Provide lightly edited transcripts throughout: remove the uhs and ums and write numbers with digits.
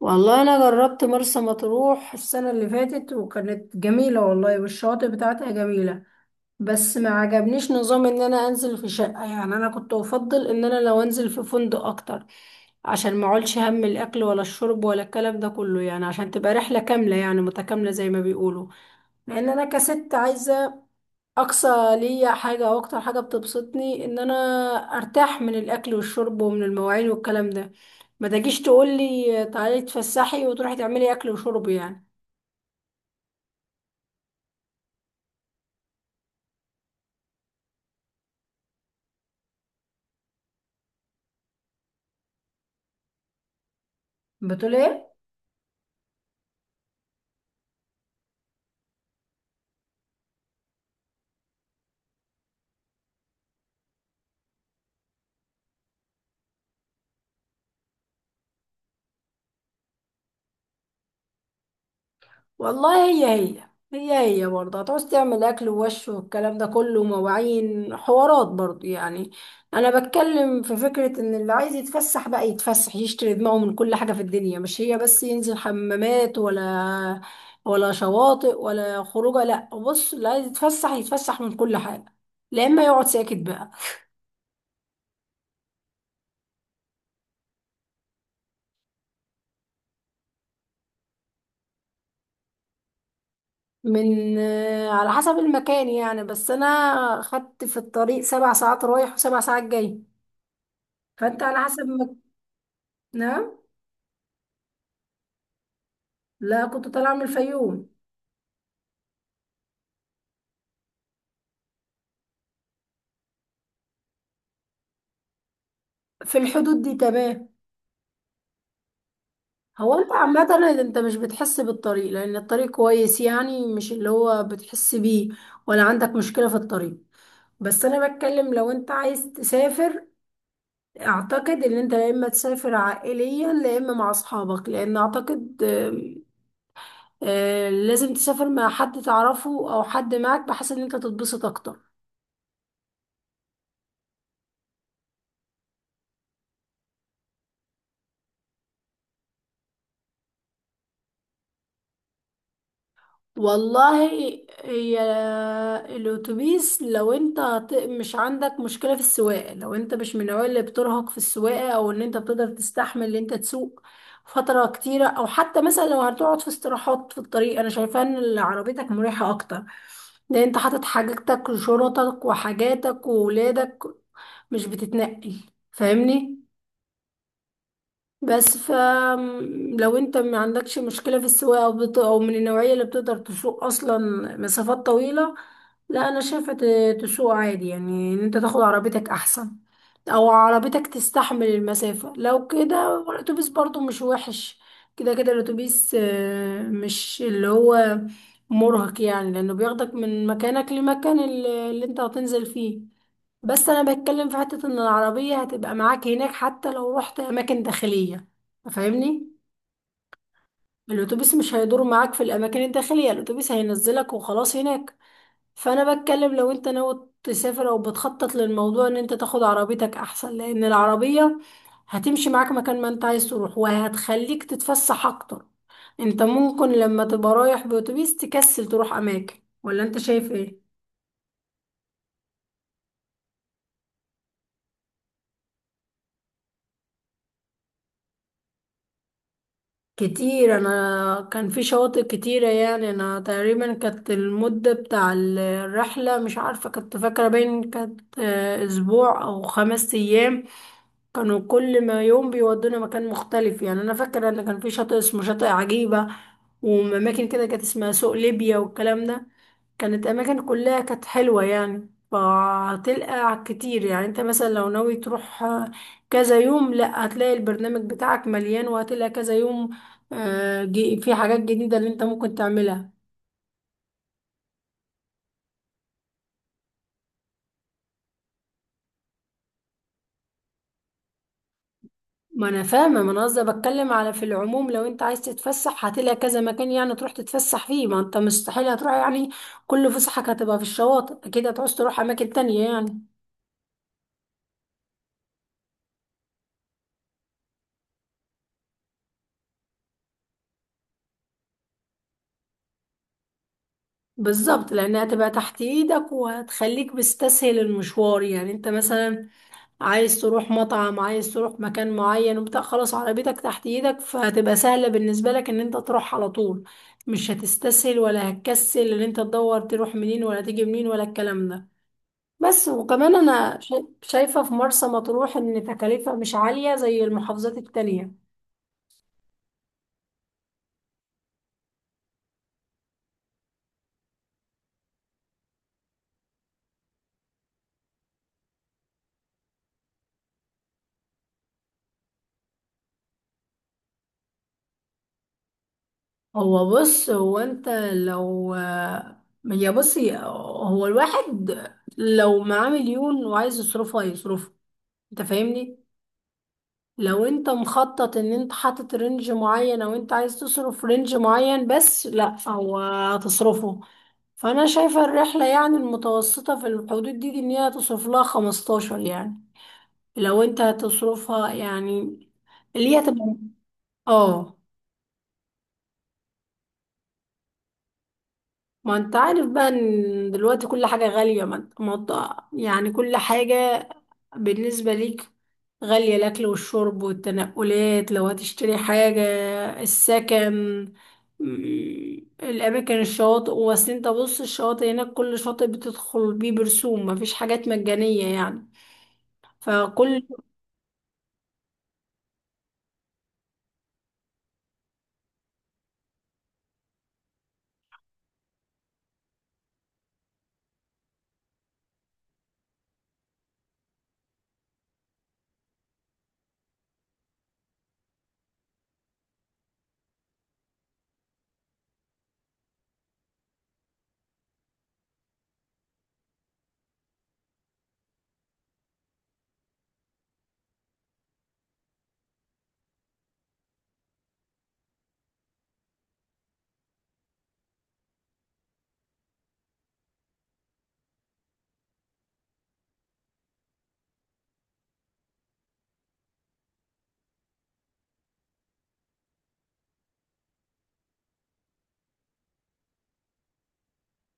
والله انا جربت مرسى مطروح السنه اللي فاتت وكانت جميله والله، والشواطئ بتاعتها جميله. بس ما عجبنيش نظام ان انا انزل في شقه، يعني انا كنت افضل ان انا لو انزل في فندق اكتر، عشان ما اقولش هم الاكل ولا الشرب ولا الكلام ده كله، يعني عشان تبقى رحله كامله، يعني متكامله زي ما بيقولوا. لان انا كست عايزه اقصى ليا حاجه او اكتر حاجه بتبسطني ان انا ارتاح من الاكل والشرب ومن المواعين والكلام ده. ما تجيش تقول لي تعالي تفسحي وتروحي تعملي اكل وشرب يعني. بتقول ايه؟ والله، هي هي هي برضه هتعوز تعمل اكل ووش والكلام ده كله، مواعين حوارات برضه يعني. انا بتكلم في فكرة ان اللي عايز يتفسح بقى يتفسح، يشتري دماغه من كل حاجة في الدنيا، مش هي بس ينزل حمامات، ولا شواطئ ولا خروجه. لا، بص، اللي عايز يتفسح يتفسح من كل حاجة، لا اما يقعد ساكت بقى. من على حسب المكان يعني، بس انا خدت في الطريق 7 ساعات رايح و7 ساعات جاي، فانت على حسب ما. نعم. لا، كنت طالعة من الفيوم. في الحدود دي تمام. هو انت عامة انت مش بتحس بالطريق لان الطريق كويس، يعني مش اللي هو بتحس بيه، ولا عندك مشكلة في الطريق. بس انا بتكلم لو انت عايز تسافر، اعتقد ان انت يا اما تسافر عائليا يا اما مع اصحابك، لان اعتقد آم، آه، لازم تسافر مع حد تعرفه او حد معك بحيث ان انت تتبسط اكتر. والله، هي الاتوبيس لو انت مش عندك مشكله في السواقه، لو انت مش من النوع اللي بترهق في السواقه او ان انت بتقدر تستحمل ان انت تسوق فتره كتيره، او حتى مثلا لو هتقعد في استراحات في الطريق، انا شايفه ان عربيتك مريحه اكتر لان انت حاطط حاجتك وشنطك وحاجاتك وولادك، مش بتتنقل. فاهمني؟ بس لو انت ما عندكش مشكلة في السواقة او من النوعية اللي بتقدر تسوق اصلا مسافات طويلة، لا انا شايفة تسوق عادي، يعني ان انت تاخد عربيتك احسن، او عربيتك تستحمل المسافة. لو كده الاتوبيس برضو مش وحش. كده كده الاتوبيس مش اللي هو مرهق، يعني لانه بياخدك من مكانك لمكان اللي انت هتنزل فيه. بس انا بتكلم في حتة ان العربية هتبقى معاك هناك حتى لو رحت اماكن داخلية. فاهمني؟ الاتوبيس مش هيدور معاك في الاماكن الداخلية، الاتوبيس هينزلك وخلاص هناك. فانا بتكلم لو انت ناوي تسافر او بتخطط للموضوع ان انت تاخد عربيتك احسن، لان العربية هتمشي معاك مكان ما انت عايز تروح، وهتخليك تتفسح اكتر. انت ممكن لما تبقى رايح باتوبيس تكسل تروح اماكن. ولا انت شايف ايه؟ كتير، انا كان في شواطئ كتيرة، يعني انا تقريبا كانت المدة بتاع الرحلة، مش عارفة كنت فاكرة باين كانت اسبوع او 5 ايام. كانوا كل ما يوم بيودونا مكان مختلف، يعني انا فاكره ان كان في شاطئ اسمه شاطئ عجيبه، واماكن كده كانت اسمها سوق ليبيا والكلام ده. كانت اماكن كلها كانت حلوه يعني. فهتلقى كتير، يعني انت مثلا لو ناوي تروح كذا يوم، لا هتلاقي البرنامج بتاعك مليان، وهتلاقي كذا يوم في حاجات جديده اللي انت ممكن تعملها. ما انا فاهمه، ما انا قصدي بتكلم على في العموم، لو انت عايز تتفسح هتلاقي كذا مكان يعني تروح تتفسح فيه، ما انت مستحيل هتروح يعني كل فسحك هتبقى في الشواطئ، اكيد هتعوز تروح اماكن تانية يعني. بالظبط، لانها هتبقى تحت ايدك، وهتخليك بتستسهل المشوار، يعني انت مثلا عايز تروح مطعم، عايز تروح مكان معين وبتاع، خلاص عربيتك تحت ايدك، فهتبقى سهله بالنسبه لك ان انت تروح على طول، مش هتستسهل ولا هتكسل ان انت تدور تروح منين ولا تيجي منين ولا الكلام ده. بس وكمان أنا شايفة في مرسى مطروح إن تكاليفها مش عالية زي المحافظات التانية. هو بص هو أنت لو يا بصي هو الواحد لو معاه مليون وعايز يصرفها هيصرفها. أنت فاهمني؟ لو أنت مخطط إن أنت حاطط رينج معين أو أنت عايز تصرف رينج معين بس، لأ، هو هتصرفه. فأنا شايفة الرحلة، يعني المتوسطة في الحدود دي، إن هي هتصرف لها 15 يعني، لو انت هتصرفها يعني، اللي هي هتبقى. اه. ما انت عارف بقى ان دلوقتي كل حاجة غالية، ما انت- ما انت- يعني كل حاجة بالنسبة ليك غالية، الأكل والشرب والتنقلات لو هتشتري حاجة، السكن، الأماكن، الشواطئ. وأصل انت بص، الشواطئ هناك كل شاطئ بتدخل بيه برسوم، مفيش حاجات مجانية يعني. فكل.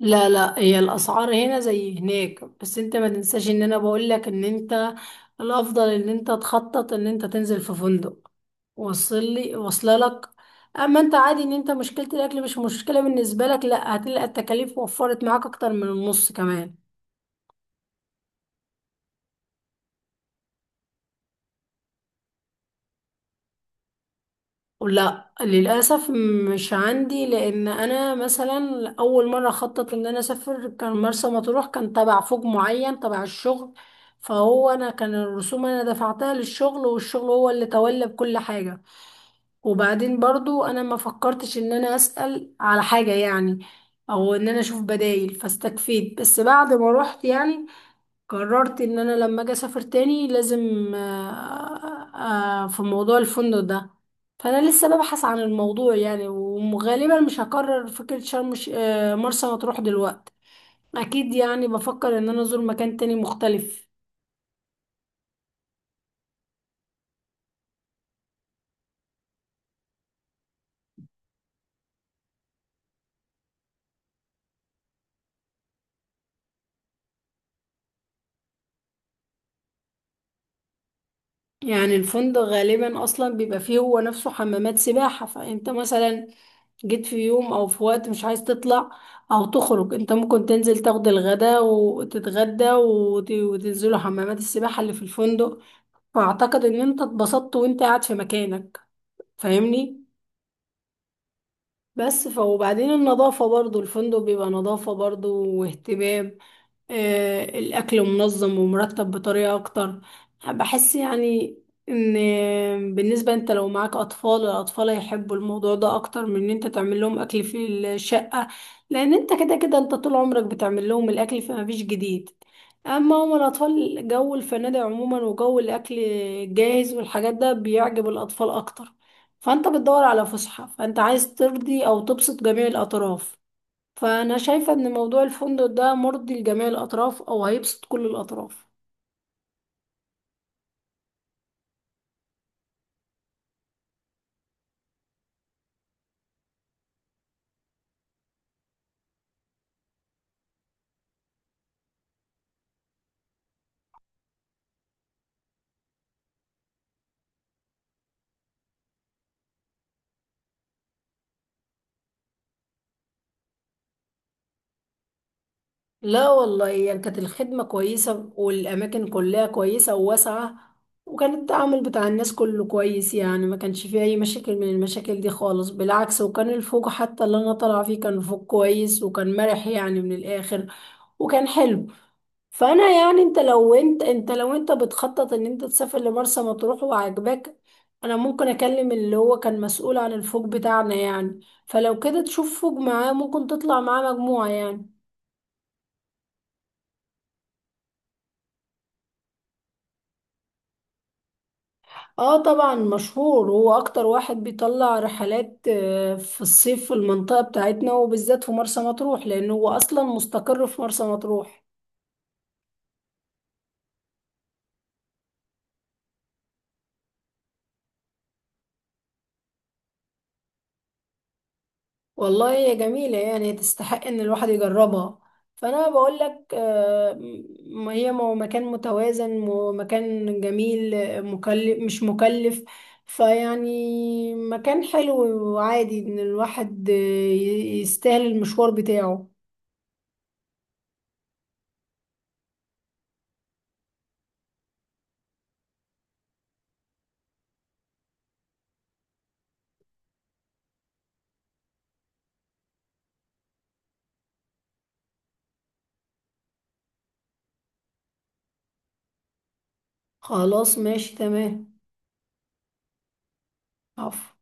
لا، لا، هي الاسعار هنا زي هناك، بس انت ما تنساش ان انا بقول لك ان انت الافضل ان انت تخطط ان انت تنزل في فندق. وصل لي واصله لك. اما انت عادي ان انت مشكله الاكل مش مشكله بالنسبه لك، لا هتلاقي التكاليف وفرت معاك اكتر من النص كمان. لا، للأسف، مش عندي، لأن أنا مثلا أول مرة خطط إن أنا أسافر كان مرسى مطروح، كان تبع فوج معين تبع الشغل. فهو أنا كان الرسوم أنا دفعتها للشغل، والشغل هو اللي تولى بكل حاجة. وبعدين برضو أنا ما فكرتش إن أنا أسأل على حاجة يعني، أو إن أنا أشوف بدايل، فاستكفيت بس بعد ما روحت يعني. قررت ان انا لما اجي اسافر تاني لازم في موضوع الفندق ده. فانا لسه ببحث عن الموضوع يعني، وغالبا مش هكرر فكرة شرم الش- آه، مرسى مطروح دلوقتي، اكيد يعني بفكر ان انا ازور مكان تاني مختلف. يعني الفندق غالبا اصلا بيبقى فيه هو نفسه حمامات سباحة، فانت مثلا جيت في يوم او في وقت مش عايز تطلع او تخرج، انت ممكن تنزل تاخد الغداء وتتغدى وتنزلوا حمامات السباحة اللي في الفندق. واعتقد ان انت اتبسطت وانت قاعد في مكانك. فاهمني؟ بس وبعدين النظافة برضو، الفندق بيبقى نظافة برضو واهتمام، الأكل منظم ومرتب بطريقة أكتر. بحس يعني إن بالنسبة أنت لو معاك أطفال، الأطفال هيحبوا الموضوع ده أكتر من إن أنت تعمل لهم أكل في الشقة، لأن أنت كده كده أنت طول عمرك بتعمل لهم الأكل فمفيش جديد. أما هما الأطفال، جو الفنادق عموما وجو الأكل الجاهز والحاجات ده بيعجب الأطفال أكتر. فانت بتدور على فسحة، فانت عايز ترضي او تبسط جميع الاطراف، فانا شايفة ان موضوع الفندق ده مرضي لجميع الاطراف او هيبسط كل الاطراف. لا والله، يعني كانت الخدمة كويسة والأماكن كلها كويسة وواسعة، وكان التعامل بتاع الناس كله كويس، يعني ما كانش فيه أي مشاكل من المشاكل دي خالص، بالعكس، وكان الفوق حتى اللي أنا طالعة فيه كان فوق كويس وكان مرح، يعني من الآخر، وكان حلو. فأنا يعني أنت لو أنت بتخطط إن أنت تسافر لمرسى مطروح وعجبك، أنا ممكن أكلم اللي هو كان مسؤول عن الفوق بتاعنا يعني، فلو كده تشوف فوق معاه ممكن تطلع معاه مجموعة يعني. اه طبعا، مشهور، هو اكتر واحد بيطلع رحلات في الصيف في المنطقة بتاعتنا وبالذات في مرسى مطروح، لانه هو اصلا مستقر في مرسى مطروح. والله، هي جميلة يعني تستحق ان الواحد يجربها. فانا بقول لك هي مكان متوازن، مكان جميل، مكلف مش مكلف، فيعني مكان حلو، وعادي ان الواحد يستاهل المشوار بتاعه. خلاص، ماشي، تمام. عفو.